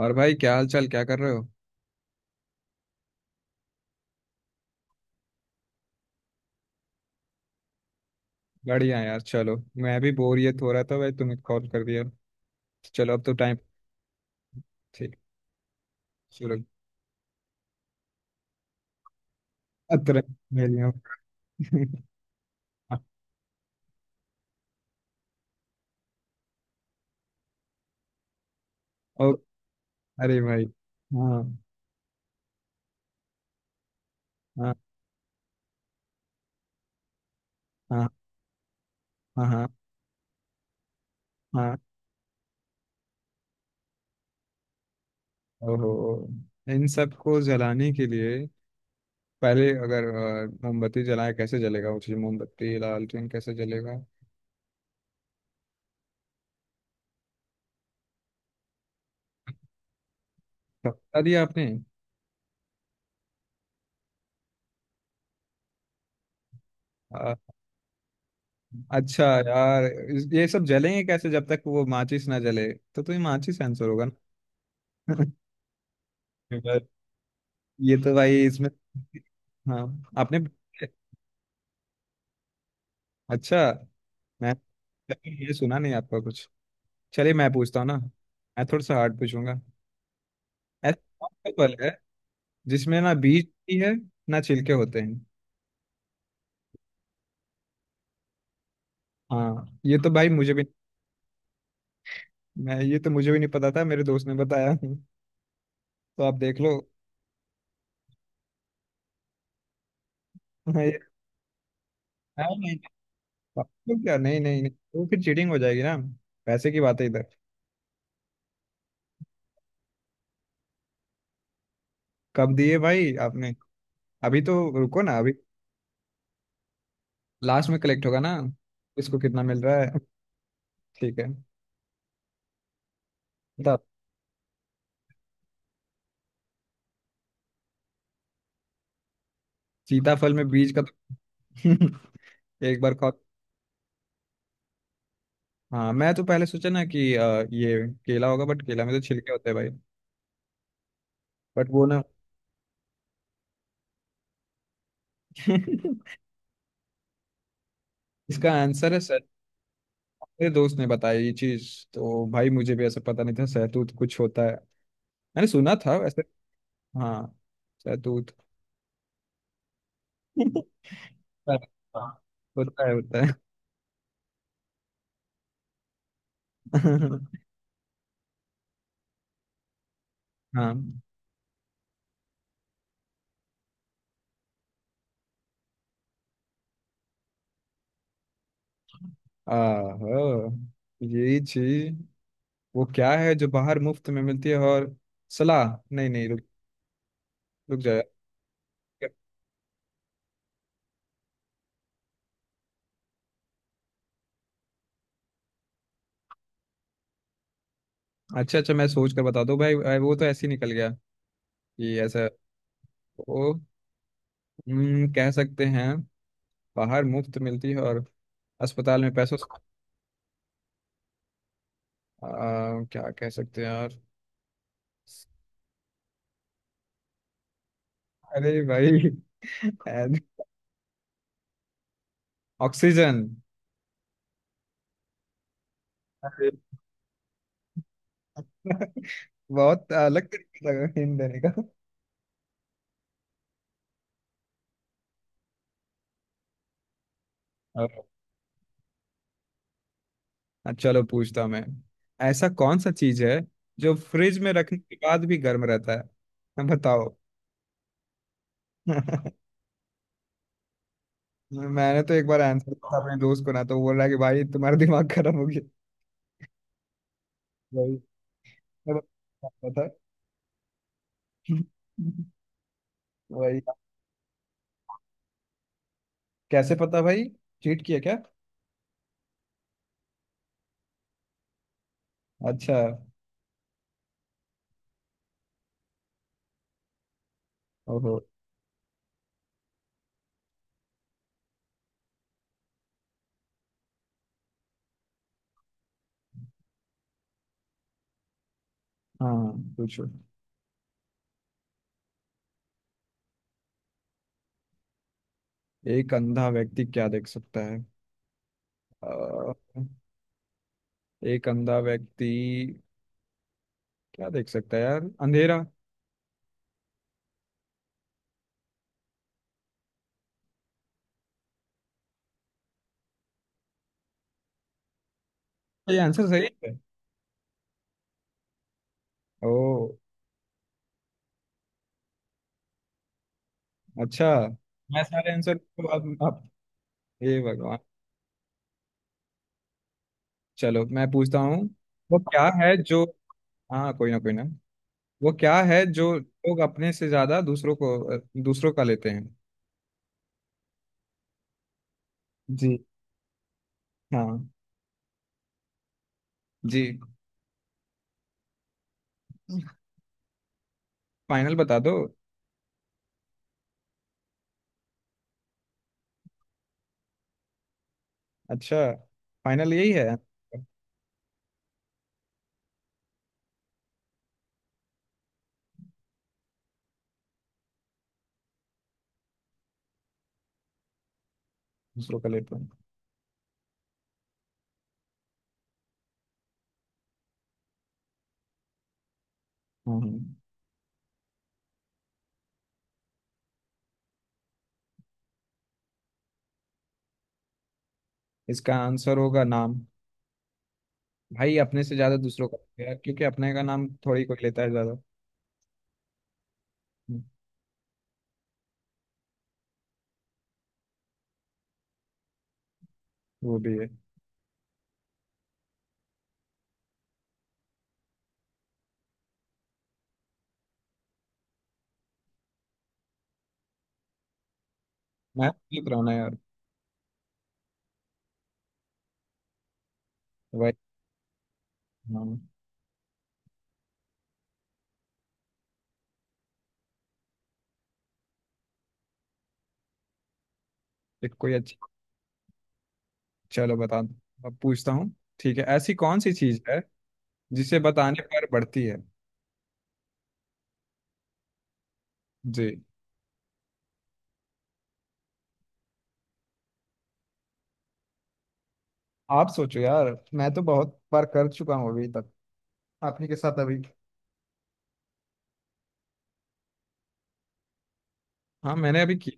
और भाई, क्या हाल चाल? क्या कर रहे हो? बढ़िया यार, चलो। मैं भी बोरियत हो रहा था भाई, तुम्हें कॉल कर दिया। चलो, अब तो टाइम। ठीक। शुरू। अतरे मेलियो। ओ, अरे भाई। हाँ। हाँ। हाँ हाँ। हाँ। हाँ, ओहो, इन सब को जलाने के लिए पहले अगर मोमबत्ती जलाए, कैसे जलेगा वो चीज? मोमबत्ती, लालटेन कैसे जलेगा? तो बता दिया आपने। अ। अच्छा यार, ये सब जलेंगे कैसे जब तक वो माचिस ना जले? तो तुम्हें माचिस आंसर होगा ना। पर ये तो भाई इसमें। हाँ आपने। अच्छा। मैं ये सुना नहीं आपका कुछ। चलिए मैं पूछता हूँ ना। मैं थोड़ा सा हार्ड पूछूंगा। ऐसा कौन सा फल है जिसमें ना बीज होती है, ना छिलके होते हैं? हाँ, ये तो भाई मुझे भी। मैं, ये तो मुझे भी नहीं पता था, मेरे दोस्त ने बताया। तो आप देख लो। हाँ, ये- नहीं नहीं। नहीं, क्या? नहीं नहीं नहीं, तो फिर चीटिंग हो जाएगी ना। पैसे की बात है इधर। कब दिए भाई आपने? अभी तो रुको ना अभी। लास्ट में कलेक्ट होगा ना। इसको कितना मिल रहा है? ठीक है। सीता। सीताफल में बीज का? तो एक बार खाओ। हाँ, मैं तो पहले सोचा ना कि ये केला होगा, बट केला में तो छिलके होते हैं भाई। बट वो ना। इसका आंसर है सर। मेरे दोस्त ने बताया ये चीज। तो भाई मुझे भी ऐसा पता नहीं था, सहतूत कुछ होता है। मैंने सुना था वैसे। हाँ। सहतूत। हाँ, होता है, होता है। हाँ। आहो, ये चीज। वो क्या है जो बाहर मुफ्त में मिलती है और? सलाह। नहीं नहीं, रुक, रुक जाए। अच्छा अच्छा, मैं सोच कर बता दूं भाई। वो तो ऐसे ही निकल गया कि ऐसा वो। कह सकते हैं। बाहर मुफ्त मिलती है और अस्पताल में पैसों से। आ, क्या कह सकते हैं यार? अरे भाई। Add- oxygen. अरे, बहुत अलग तरीके लगा हिंट देने का। और। चलो पूछता हूं मैं। ऐसा कौन सा चीज है जो फ्रिज में रखने के बाद भी गर्म रहता है? बताओ। मैंने तो एक बार आंसर दिया अपने दोस्त को ना, तो बोल रहा है कि भाई तुम्हारा दिमाग खराब हो गया। भाई। मैं बता था। भाई। कैसे पता भाई? चीट किया क्या? अच्छा। ओहो। हाँ, पूछो। एक अंधा व्यक्ति क्या देख सकता है? अ, एक अंधा व्यक्ति क्या देख सकता है यार? अंधेरा। ये आंसर सही है? ओ। अच्छा। मैं सारे आंसर तो अब। हे भगवान। चलो मैं पूछता हूँ। वो क्या है जो? हाँ, कोई ना, कोई ना। वो क्या है जो लोग अपने से ज्यादा दूसरों को, दूसरों का लेते हैं? जी। हाँ। जी। फाइनल बता दो। अच्छा। फाइनल यही है। दूसरों का लेते हैं। हम्म। हम्म। इसका आंसर होगा नाम। भाई, अपने से ज्यादा दूसरों का लेते हैं यार, क्योंकि अपने का नाम थोड़ी कोई लेता है ज्यादा। हम्म, वो भी है। मैं लिख रहा हूँ ना यार। वही। हाँ। एक कोई अच्छी। चलो बता दो, अब पूछता हूँ। ठीक है, ऐसी कौन सी चीज है जिसे बताने पर बढ़ती है? जी। आप सोचो यार, मैं तो बहुत बार कर चुका हूँ अभी तक, आप ही के साथ अभी। हाँ, मैंने अभी की।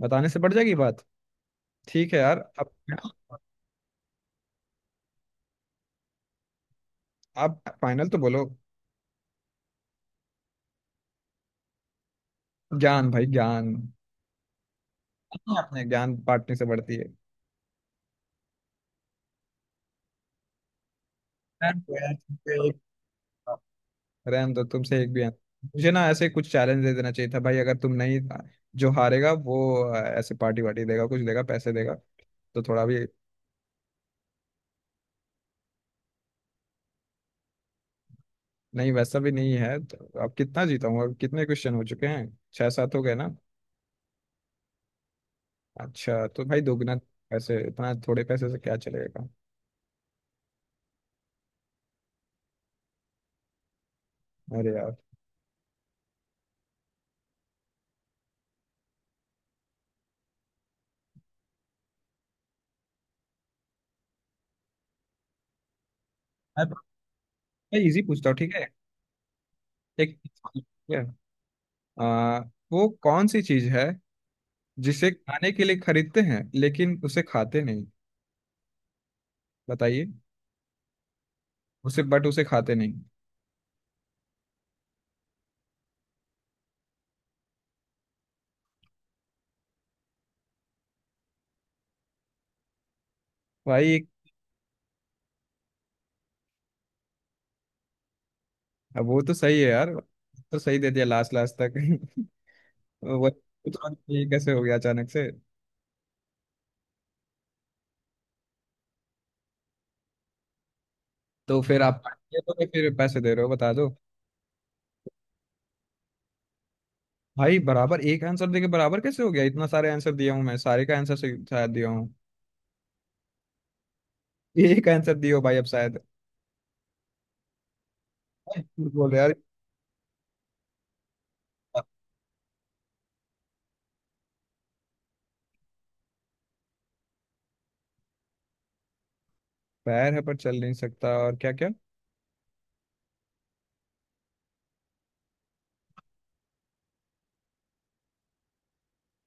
बताने से बढ़ जाएगी बात। ठीक है यार, अब आप फाइनल तो बोलो। ज्ञान भाई, ज्ञान। अपने ज्ञान बांटने से बढ़ती है। रहन दो यार, तुमसे एक- रहन दो, तुमसे एक भी answer। मुझे ना ऐसे कुछ चैलेंज दे देना चाहिए था भाई, अगर तुम नहीं। जो हारेगा वो ऐसे पार्टी वार्टी देगा, कुछ देगा, पैसे देगा, तो थोड़ा भी। नहीं, वैसा भी नहीं है तो। अब कितना जीता हूँ? अब कितने क्वेश्चन हो चुके हैं? छह सात हो गए ना? अच्छा, तो भाई दोगुना पैसे। इतना थोड़े पैसे से क्या चलेगा? अरे यार। मैं मैं इजी पूछता हूँ, ठीक है? एक, ठीक है। आ, वो कौन सी चीज है जिसे खाने के लिए खरीदते हैं लेकिन उसे खाते नहीं? बताइए। उसे, बट उसे खाते नहीं। भाई एक। अब वो तो सही है यार। तो सही दे दिया लास्ट लास्ट तक। वो तो, ये कैसे हो गया अचानक से? तो फिर आप, ये तो फिर पैसे दे रहे हो, बता दो। भाई, बराबर एक आंसर देके बराबर कैसे हो गया? इतना सारे आंसर दिया हूँ मैं, सारे का आंसर से शायद दिया हूँ। यही का आंसर दियो भाई, अब शायद झूठ बोल रहे यार। पैर है पर चल नहीं सकता, और क्या क्या?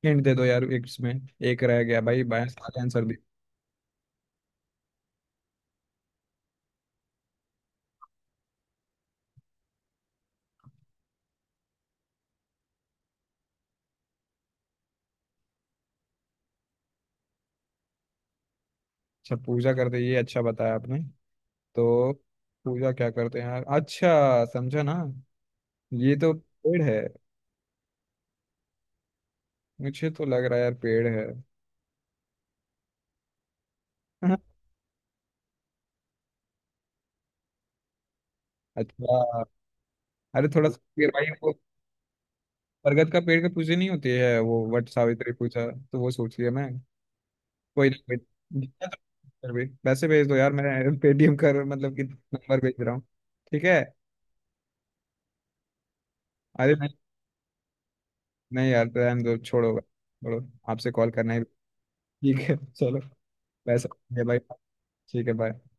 हिंट दे दो यार एक इसमें। एक रह गया भाई, बाया सारे आंसर दे। अच्छा, पूजा करते, ये अच्छा बताया आपने। तो पूजा क्या करते हैं यार? अच्छा समझा ना, ये तो पेड़ है। मुझे तो लग रहा है यार, पेड़ है। अच्छा। अरे थोड़ा सा फिर भाई वो, बरगद का पेड़ का पूजा नहीं होती है वो? वट सावित्री पूजा, तो वो सोच लिया मैं। कोई ना, कोई ना। फिर भी पैसे भेज दो यार, मैं पेटीएम कर, मतलब कि नंबर भेज रहा हूँ, ठीक है? अरे नहीं, नहीं यार, रहने दो, छोड़ो छोड़ो। आपसे कॉल करना ही। ठीक है, चलो। पैसा। ये भाई, ठीक है, बाय।